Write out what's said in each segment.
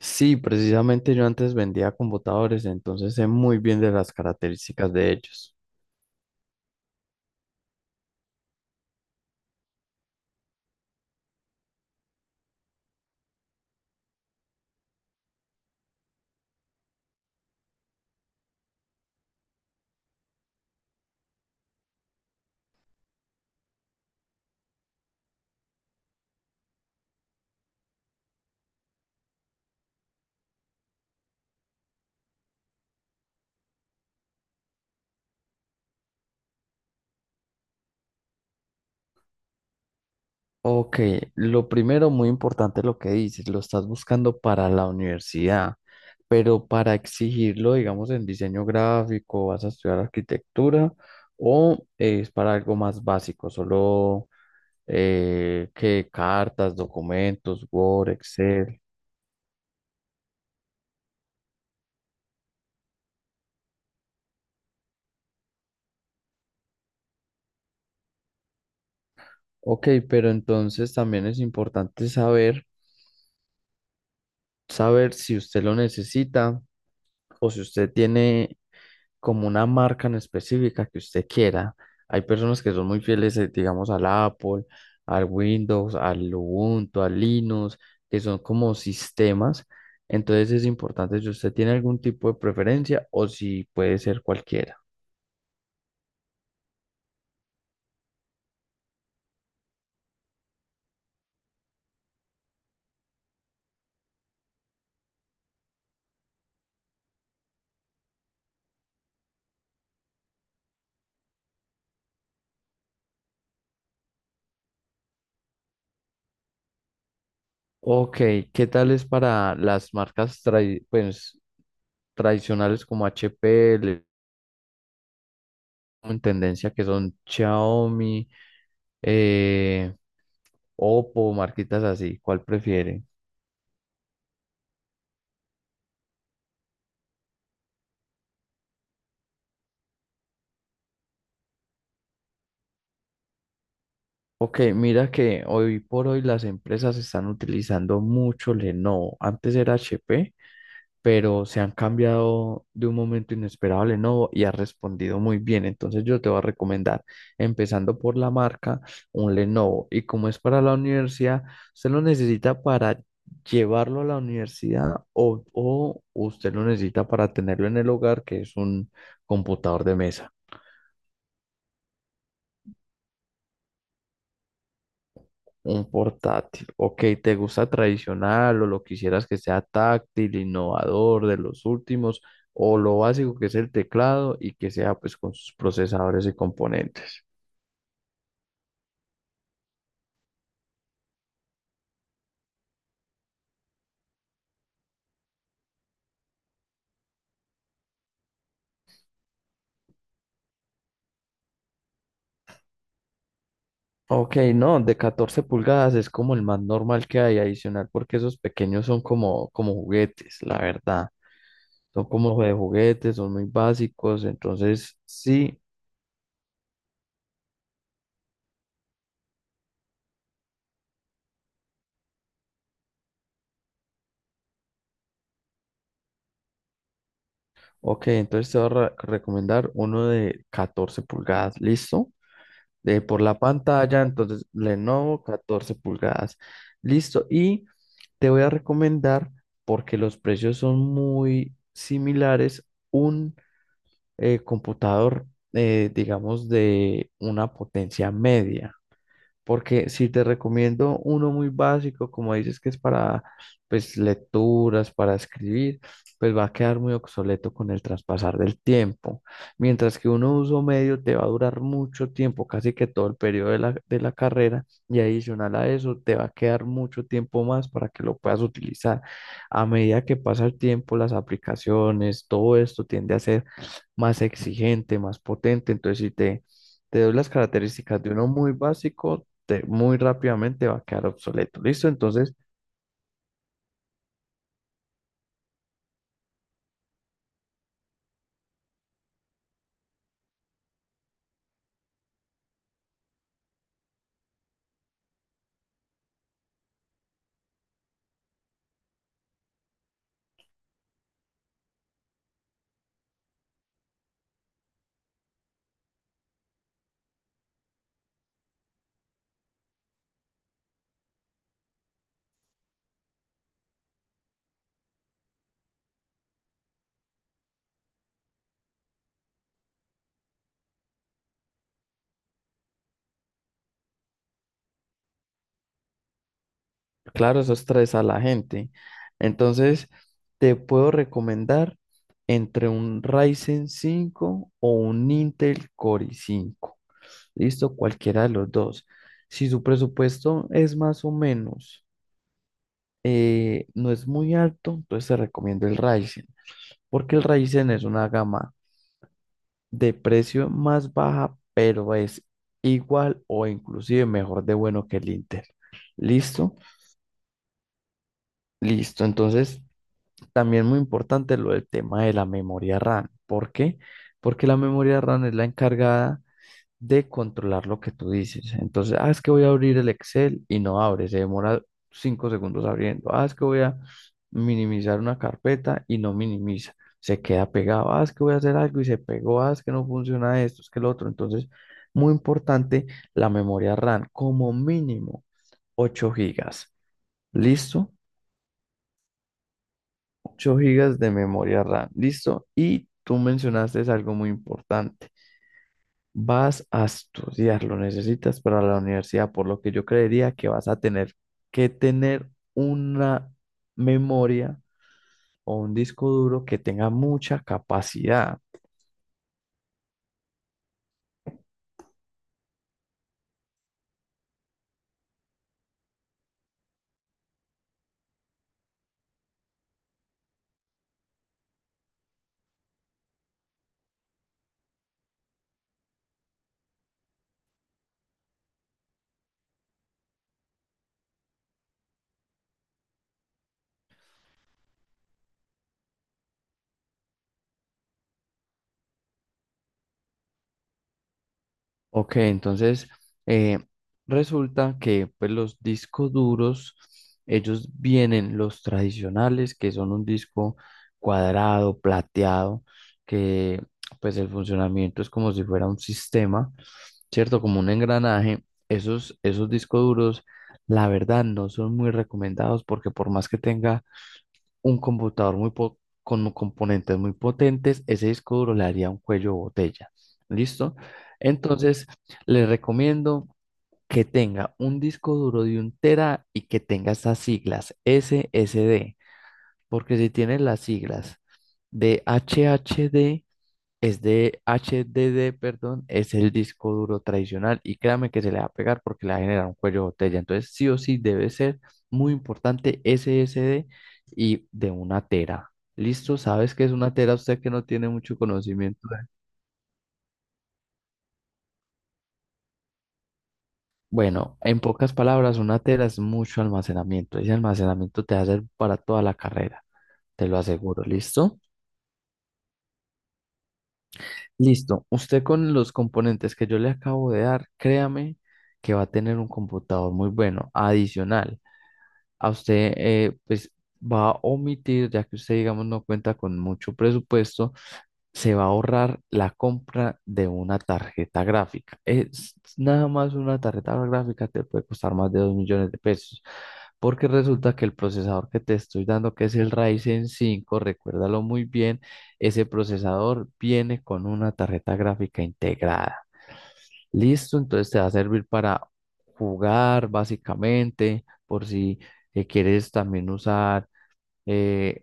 Sí, precisamente yo antes vendía computadores, entonces sé muy bien de las características de ellos. Ok, lo primero, muy importante lo que dices, lo estás buscando para la universidad, pero para exigirlo, digamos, en diseño gráfico, vas a estudiar arquitectura o es para algo más básico, solo que cartas, documentos, Word, Excel. Ok, pero entonces también es importante saber, saber si usted lo necesita o si usted tiene como una marca en específica que usted quiera. Hay personas que son muy fieles, digamos, al Apple, al Windows, al Ubuntu, al Linux, que son como sistemas. Entonces es importante si usted tiene algún tipo de preferencia o si puede ser cualquiera. Ok, ¿qué tal es para las marcas pues, tradicionales como HP, en tendencia que son Xiaomi? eh, Oppo, marquitas así, ¿cuál prefiere? Ok, mira que hoy por hoy las empresas están utilizando mucho Lenovo. Antes era HP, pero se han cambiado de un momento inesperado a Lenovo y ha respondido muy bien. Entonces yo te voy a recomendar, empezando por la marca, un Lenovo. Y como es para la universidad, usted lo necesita para llevarlo a la universidad o usted lo necesita para tenerlo en el hogar, que es un computador de mesa. Un portátil. Ok, ¿te gusta tradicional o lo quisieras que sea táctil, innovador, de los últimos, o lo básico que es el teclado y que sea pues con sus procesadores y componentes? Ok, no, de 14 pulgadas es como el más normal que hay adicional porque esos pequeños son como, como juguetes, la verdad. Son como de juguetes, son muy básicos, entonces sí. Ok, entonces te voy a recomendar uno de 14 pulgadas, ¿listo? De por la pantalla, entonces Lenovo 14 pulgadas. Listo, y te voy a recomendar, porque los precios son muy similares, un computador, digamos, de una potencia media. Porque si te recomiendo uno muy básico, como dices que es para pues lecturas, para escribir, pues va a quedar muy obsoleto con el traspasar del tiempo. Mientras que uno uso medio te va a durar mucho tiempo, casi que todo el periodo de la carrera, y adicional a eso te va a quedar mucho tiempo más para que lo puedas utilizar. A medida que pasa el tiempo, las aplicaciones, todo esto tiende a ser más exigente, más potente. Entonces, si te... te doy las características de uno muy básico, muy rápidamente va a quedar obsoleto. ¿Listo? Entonces, claro, eso estresa a la gente. Entonces, te puedo recomendar entre un Ryzen cinco o un Intel Core i5. ¿Listo? Cualquiera de los dos. Si su presupuesto es más o menos, no es muy alto, entonces te recomiendo el Ryzen, porque el Ryzen es una gama de precio más baja, pero es igual o inclusive mejor de bueno que el Intel. ¿Listo? Listo. Entonces, también muy importante lo del tema de la memoria RAM. ¿Por qué? Porque la memoria RAM es la encargada de controlar lo que tú dices. Entonces, ah, es que voy a abrir el Excel y no abre, se demora cinco segundos abriendo. Ah, es que voy a minimizar una carpeta y no minimiza, se queda pegado. Ah, es que voy a hacer algo y se pegó. Ah, es que no funciona esto, es que el otro. Entonces, muy importante la memoria RAM, como mínimo 8 gigas. ¿Listo? Ocho gigas de memoria RAM. ¿Listo? Y tú mencionaste es algo muy importante. Vas a estudiar, lo necesitas para la universidad, por lo que yo creería que vas a tener que tener una memoria o un disco duro que tenga mucha capacidad. Ok, entonces eh, resulta que pues, los discos duros, ellos vienen los tradicionales, que son un disco cuadrado, plateado, que pues el funcionamiento es como si fuera un sistema, ¿cierto? Como un engranaje. Esos discos duros, la verdad, no son muy recomendados porque por más que tenga un computador muy con componentes muy potentes, ese disco duro le haría un cuello de botella. ¿Listo? Entonces, les recomiendo que tenga un disco duro de un tera y que tenga estas siglas SSD, porque si tiene las siglas de HHD, es de H D D perdón, es el disco duro tradicional y créame que se le va a pegar porque le va a generar un cuello de botella. Entonces, sí o sí debe ser muy importante S S D y de una tera. ¿Listo? ¿Sabes qué es una tera? Usted que no tiene mucho conocimiento. Bueno, en pocas palabras, una tera es mucho almacenamiento. Ese almacenamiento te va a hacer para toda la carrera, te lo aseguro. ¿Listo? Listo. Usted con los componentes que yo le acabo de dar, créame que va a tener un computador muy bueno. Adicional, a usted pues va a omitir, ya que usted digamos no cuenta con mucho presupuesto, se va a ahorrar la compra de una tarjeta gráfica. Es nada más una tarjeta gráfica te puede costar más de 2 millones de pesos. Porque resulta que el procesador que te estoy dando, que es el Ryzen cinco, recuérdalo muy bien, ese procesador viene con una tarjeta gráfica integrada. Listo, entonces te va a servir para jugar básicamente, por si quieres también usar eh,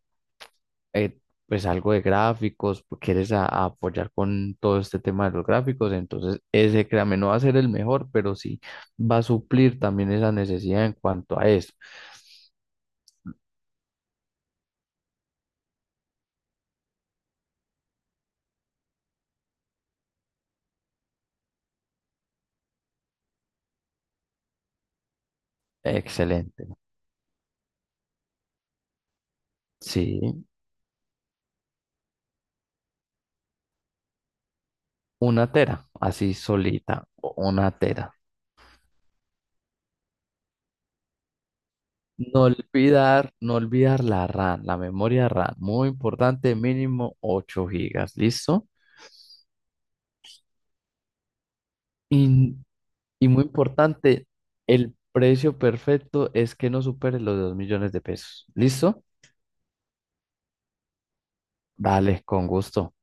eh, pues algo de gráficos, pues, quieres a apoyar con todo este tema de los gráficos, entonces ese créame no va a ser el mejor, pero sí va a suplir también esa necesidad en cuanto a eso. Excelente. Sí, una tera, así solita, una tera. No olvidar, no olvidar la RAM, la memoria RAM. Muy importante, mínimo 8 gigas, ¿listo? Y, y muy importante, el precio perfecto es que no supere los 2 millones de pesos. ¿Listo? Dale, con gusto.